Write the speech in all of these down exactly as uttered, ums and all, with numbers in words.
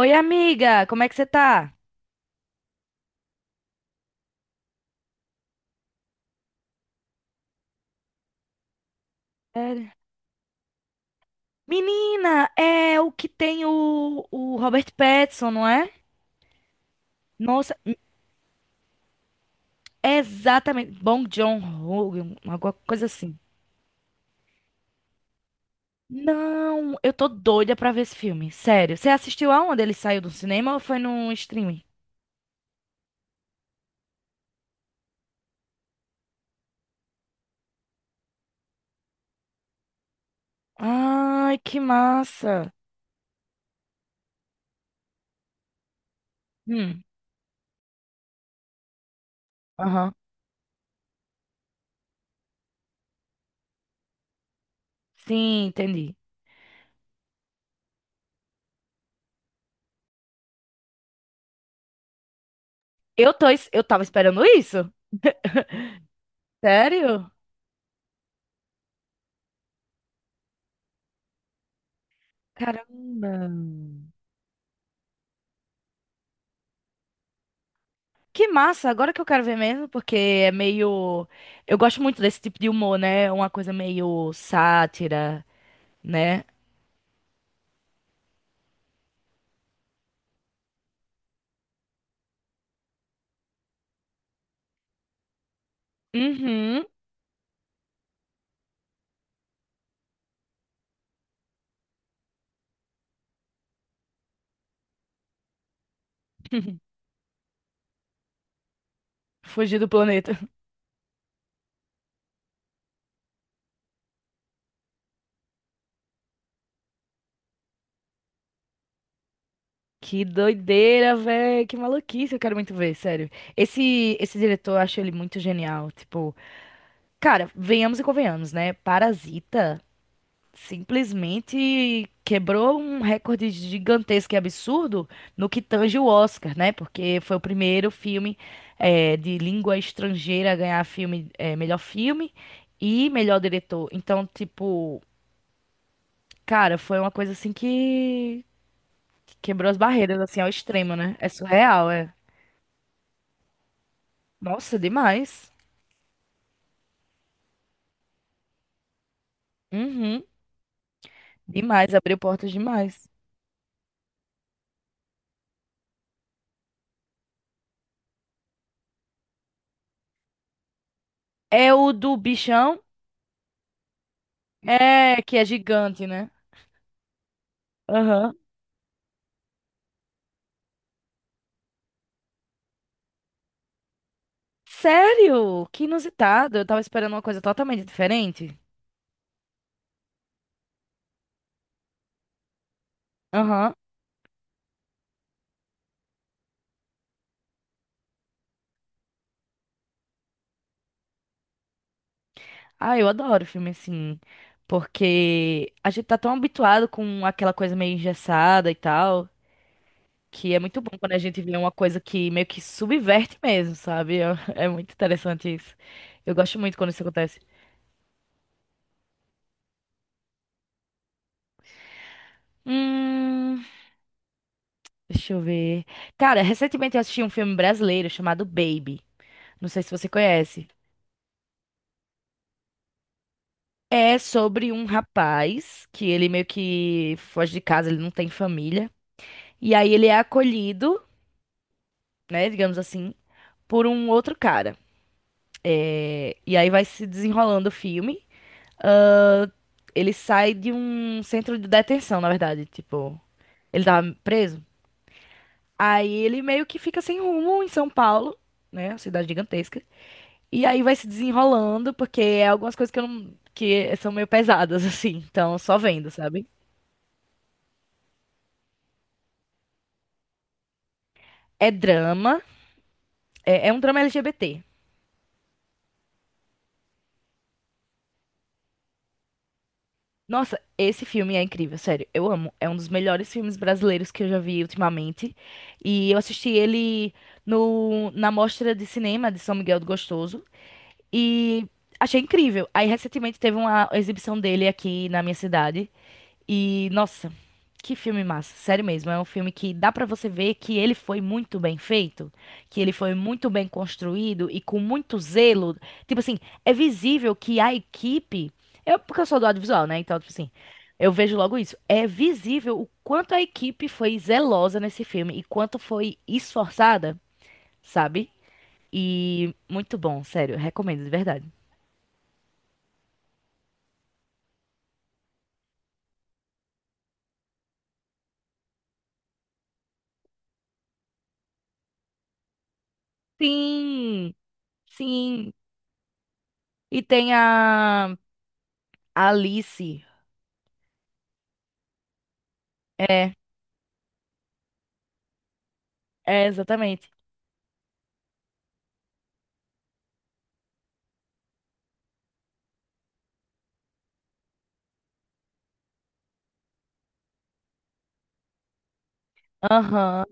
Oi, amiga, como é que você tá? Sério? Menina, é o que tem o, o Robert Pattinson, não é? Nossa, exatamente. Bom John ho alguma coisa assim. Não, eu tô doida pra ver esse filme, sério. Você assistiu aonde ele saiu do cinema ou foi no streaming? Ai, que massa. Hum, aham. Sim, entendi. Eu tô, es- eu tava esperando isso. Sério? Caramba. Que massa, agora que eu quero ver mesmo, porque é meio. Eu gosto muito desse tipo de humor, né? Uma coisa meio sátira, né? Uhum. Fugir do planeta. Que doideira, véi. Que maluquice, eu quero muito ver, sério. Esse, esse diretor, eu acho ele muito genial. Tipo, cara, venhamos e convenhamos, né? Parasita simplesmente quebrou um recorde gigantesco e absurdo no que tange o Oscar, né? Porque foi o primeiro filme eh, de língua estrangeira a ganhar filme, eh, melhor filme e melhor diretor. Então, tipo, cara, foi uma coisa assim que que quebrou as barreiras, assim, ao extremo, né? É surreal, é. Nossa, demais. Uhum, demais, abriu portas demais. É o do bichão, é, que é gigante, né? Aham. Sério? Que inusitado. Eu tava esperando uma coisa totalmente diferente. Aham. Ah, eu adoro filme assim. Porque a gente tá tão habituado com aquela coisa meio engessada e tal, que é muito bom quando a gente vê uma coisa que meio que subverte mesmo, sabe? É, é muito interessante isso. Eu gosto muito quando isso acontece. Hum, deixa eu ver. Cara, recentemente eu assisti um filme brasileiro chamado Baby. Não sei se você conhece. É sobre um rapaz que ele meio que foge de casa, ele não tem família. E aí ele é acolhido, né, digamos assim, por um outro cara. É, e aí vai se desenrolando o filme. Ele sai de um centro de detenção, na verdade, tipo, ele tava preso. Aí ele meio que fica sem rumo em São Paulo, né, uma cidade gigantesca. E aí vai se desenrolando, porque é algumas coisas que eu não... que são meio pesadas, assim, então só vendo, sabe? É drama, é é um drama L G B T. Nossa, esse filme é incrível, sério. Eu amo. É um dos melhores filmes brasileiros que eu já vi ultimamente. E eu assisti ele no, na Mostra de Cinema de São Miguel do Gostoso. E achei incrível. Aí, recentemente, teve uma exibição dele aqui na minha cidade. E, nossa, que filme massa, sério mesmo. É um filme que dá pra você ver que ele foi muito bem feito, que ele foi muito bem construído e com muito zelo. Tipo assim, é visível que a equipe. Eu, porque eu sou do audiovisual, né? Então, tipo assim, eu vejo logo isso. É visível o quanto a equipe foi zelosa nesse filme e quanto foi esforçada, sabe? E muito bom, sério, recomendo de verdade. Sim, sim. E tem a a Alice. É, É, exatamente. Aham.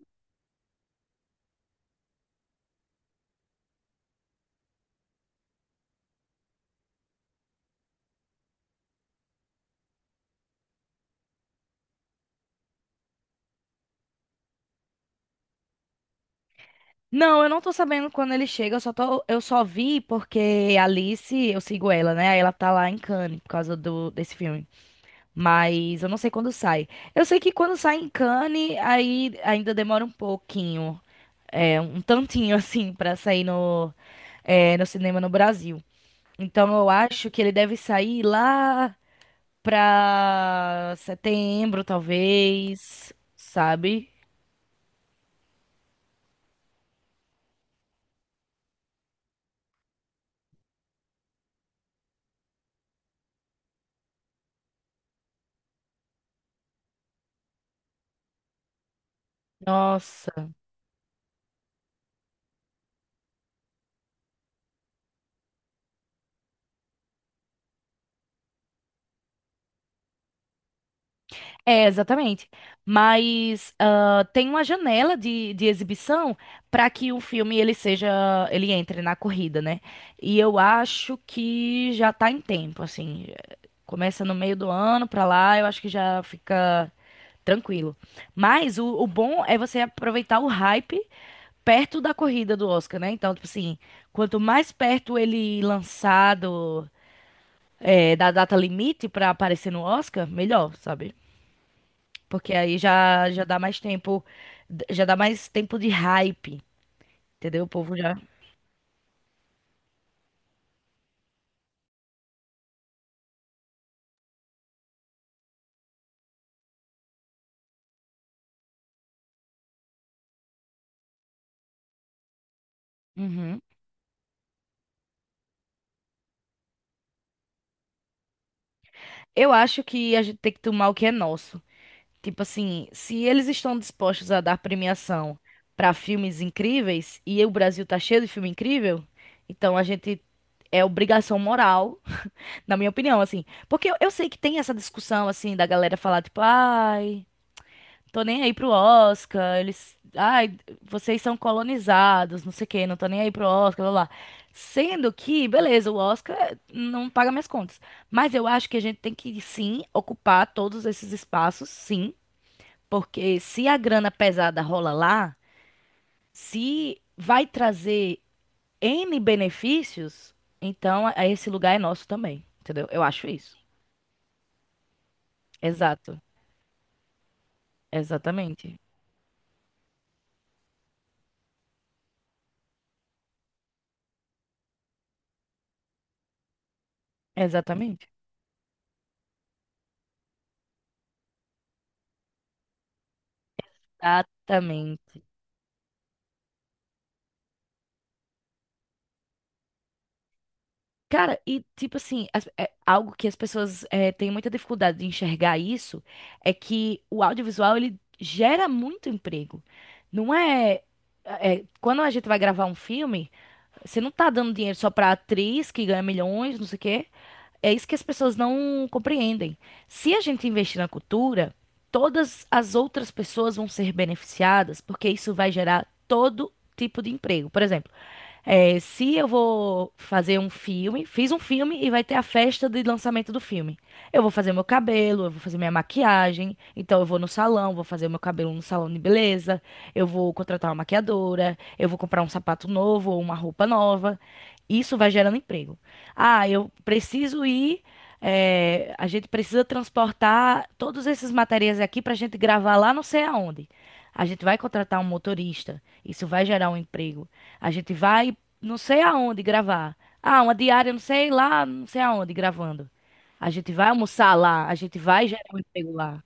Não, eu não tô sabendo quando ele chega, eu só tô, eu só vi porque a Alice, eu sigo ela, né? Aí ela tá lá em Cannes por causa do desse filme. Mas eu não sei quando sai. Eu sei que quando sai em Cannes, aí ainda demora um pouquinho, é, um tantinho assim pra sair no é, no cinema no Brasil. Então eu acho que ele deve sair lá pra setembro, talvez, sabe? Nossa. É, exatamente. Mas ah, tem uma janela de, de exibição para que o filme ele seja, ele entre na corrida, né? E eu acho que já tá em tempo, assim. Começa no meio do ano para lá, eu acho que já fica tranquilo. Mas o, o bom é você aproveitar o hype perto da corrida do Oscar, né? Então, tipo assim, quanto mais perto ele lançado é, da data limite para aparecer no Oscar, melhor, sabe? Porque aí já, já dá mais tempo, já dá mais tempo de hype, entendeu? O povo já. Uhum. Eu acho que a gente tem que tomar o que é nosso. Tipo assim, se eles estão dispostos a dar premiação para filmes incríveis e o Brasil tá cheio de filme incrível, então a gente é obrigação moral, na minha opinião, assim. Porque eu, eu sei que tem essa discussão assim da galera falar tipo, ai, tô nem aí pro Oscar, eles. Ai, vocês são colonizados, não sei o quê, não tô nem aí pro Oscar, blá blá. Sendo que, beleza, o Oscar não paga minhas contas. Mas eu acho que a gente tem que, sim, ocupar todos esses espaços, sim. Porque se a grana pesada rola lá, se vai trazer N benefícios, então a- esse lugar é nosso também, entendeu? Eu acho isso. Exato. Exatamente. Exatamente. Exatamente. Cara, e tipo assim, as- é, algo que as pessoas é, têm muita dificuldade de enxergar isso é que o audiovisual ele gera muito emprego. Não é, é, quando a gente vai gravar um filme, você não tá dando dinheiro só pra atriz que ganha milhões, não sei o quê. É isso que as pessoas não compreendem. Se a gente investir na cultura, todas as outras pessoas vão ser beneficiadas, porque isso vai gerar todo tipo de emprego. Por exemplo, é, se eu vou fazer um filme, fiz um filme e vai ter a festa de lançamento do filme. Eu vou fazer meu cabelo, eu vou fazer minha maquiagem, então eu vou no salão, vou fazer meu cabelo no salão de beleza, eu vou contratar uma maquiadora, eu vou comprar um sapato novo ou uma roupa nova. Isso vai gerando emprego. Ah, eu preciso ir. É, a gente precisa transportar todos esses materiais aqui para a gente gravar lá não sei aonde. A gente vai contratar um motorista. Isso vai gerar um emprego. A gente vai não sei aonde gravar. Ah, uma diária, não sei lá, não sei aonde gravando. A gente vai almoçar lá, a gente vai gerar um emprego lá.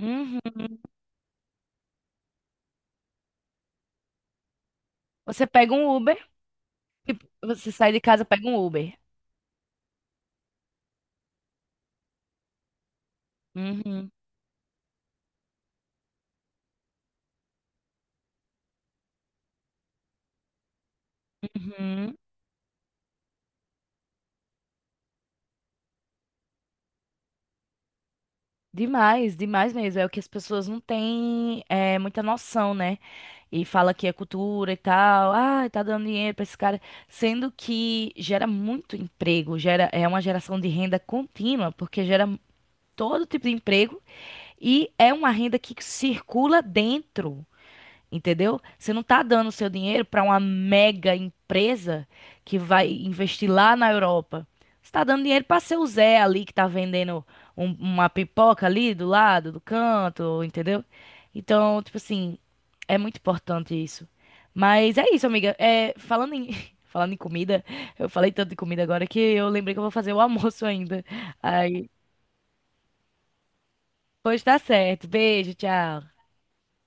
Uhum. Você pega um Uber, tipo, você sai de casa, pega um Uber. Uhum, uhum. Demais, demais mesmo. É o que as pessoas não têm é, muita noção, né? E fala que é cultura e tal. Ah, tá dando dinheiro pra esse cara. Sendo que gera muito emprego, gera, é uma geração de renda contínua, porque gera todo tipo de emprego. E é uma renda que circula dentro, entendeu? Você não está dando o seu dinheiro para uma mega empresa que vai investir lá na Europa. Você está dando dinheiro para seu Zé ali que está vendendo um- uma pipoca ali do lado, do canto, entendeu? Então, tipo assim, é muito importante isso. Mas é isso, amiga. É, falando em, falando em comida, eu falei tanto de comida agora que eu lembrei que eu vou fazer o almoço ainda. Aí, pois tá certo. Beijo, tchau.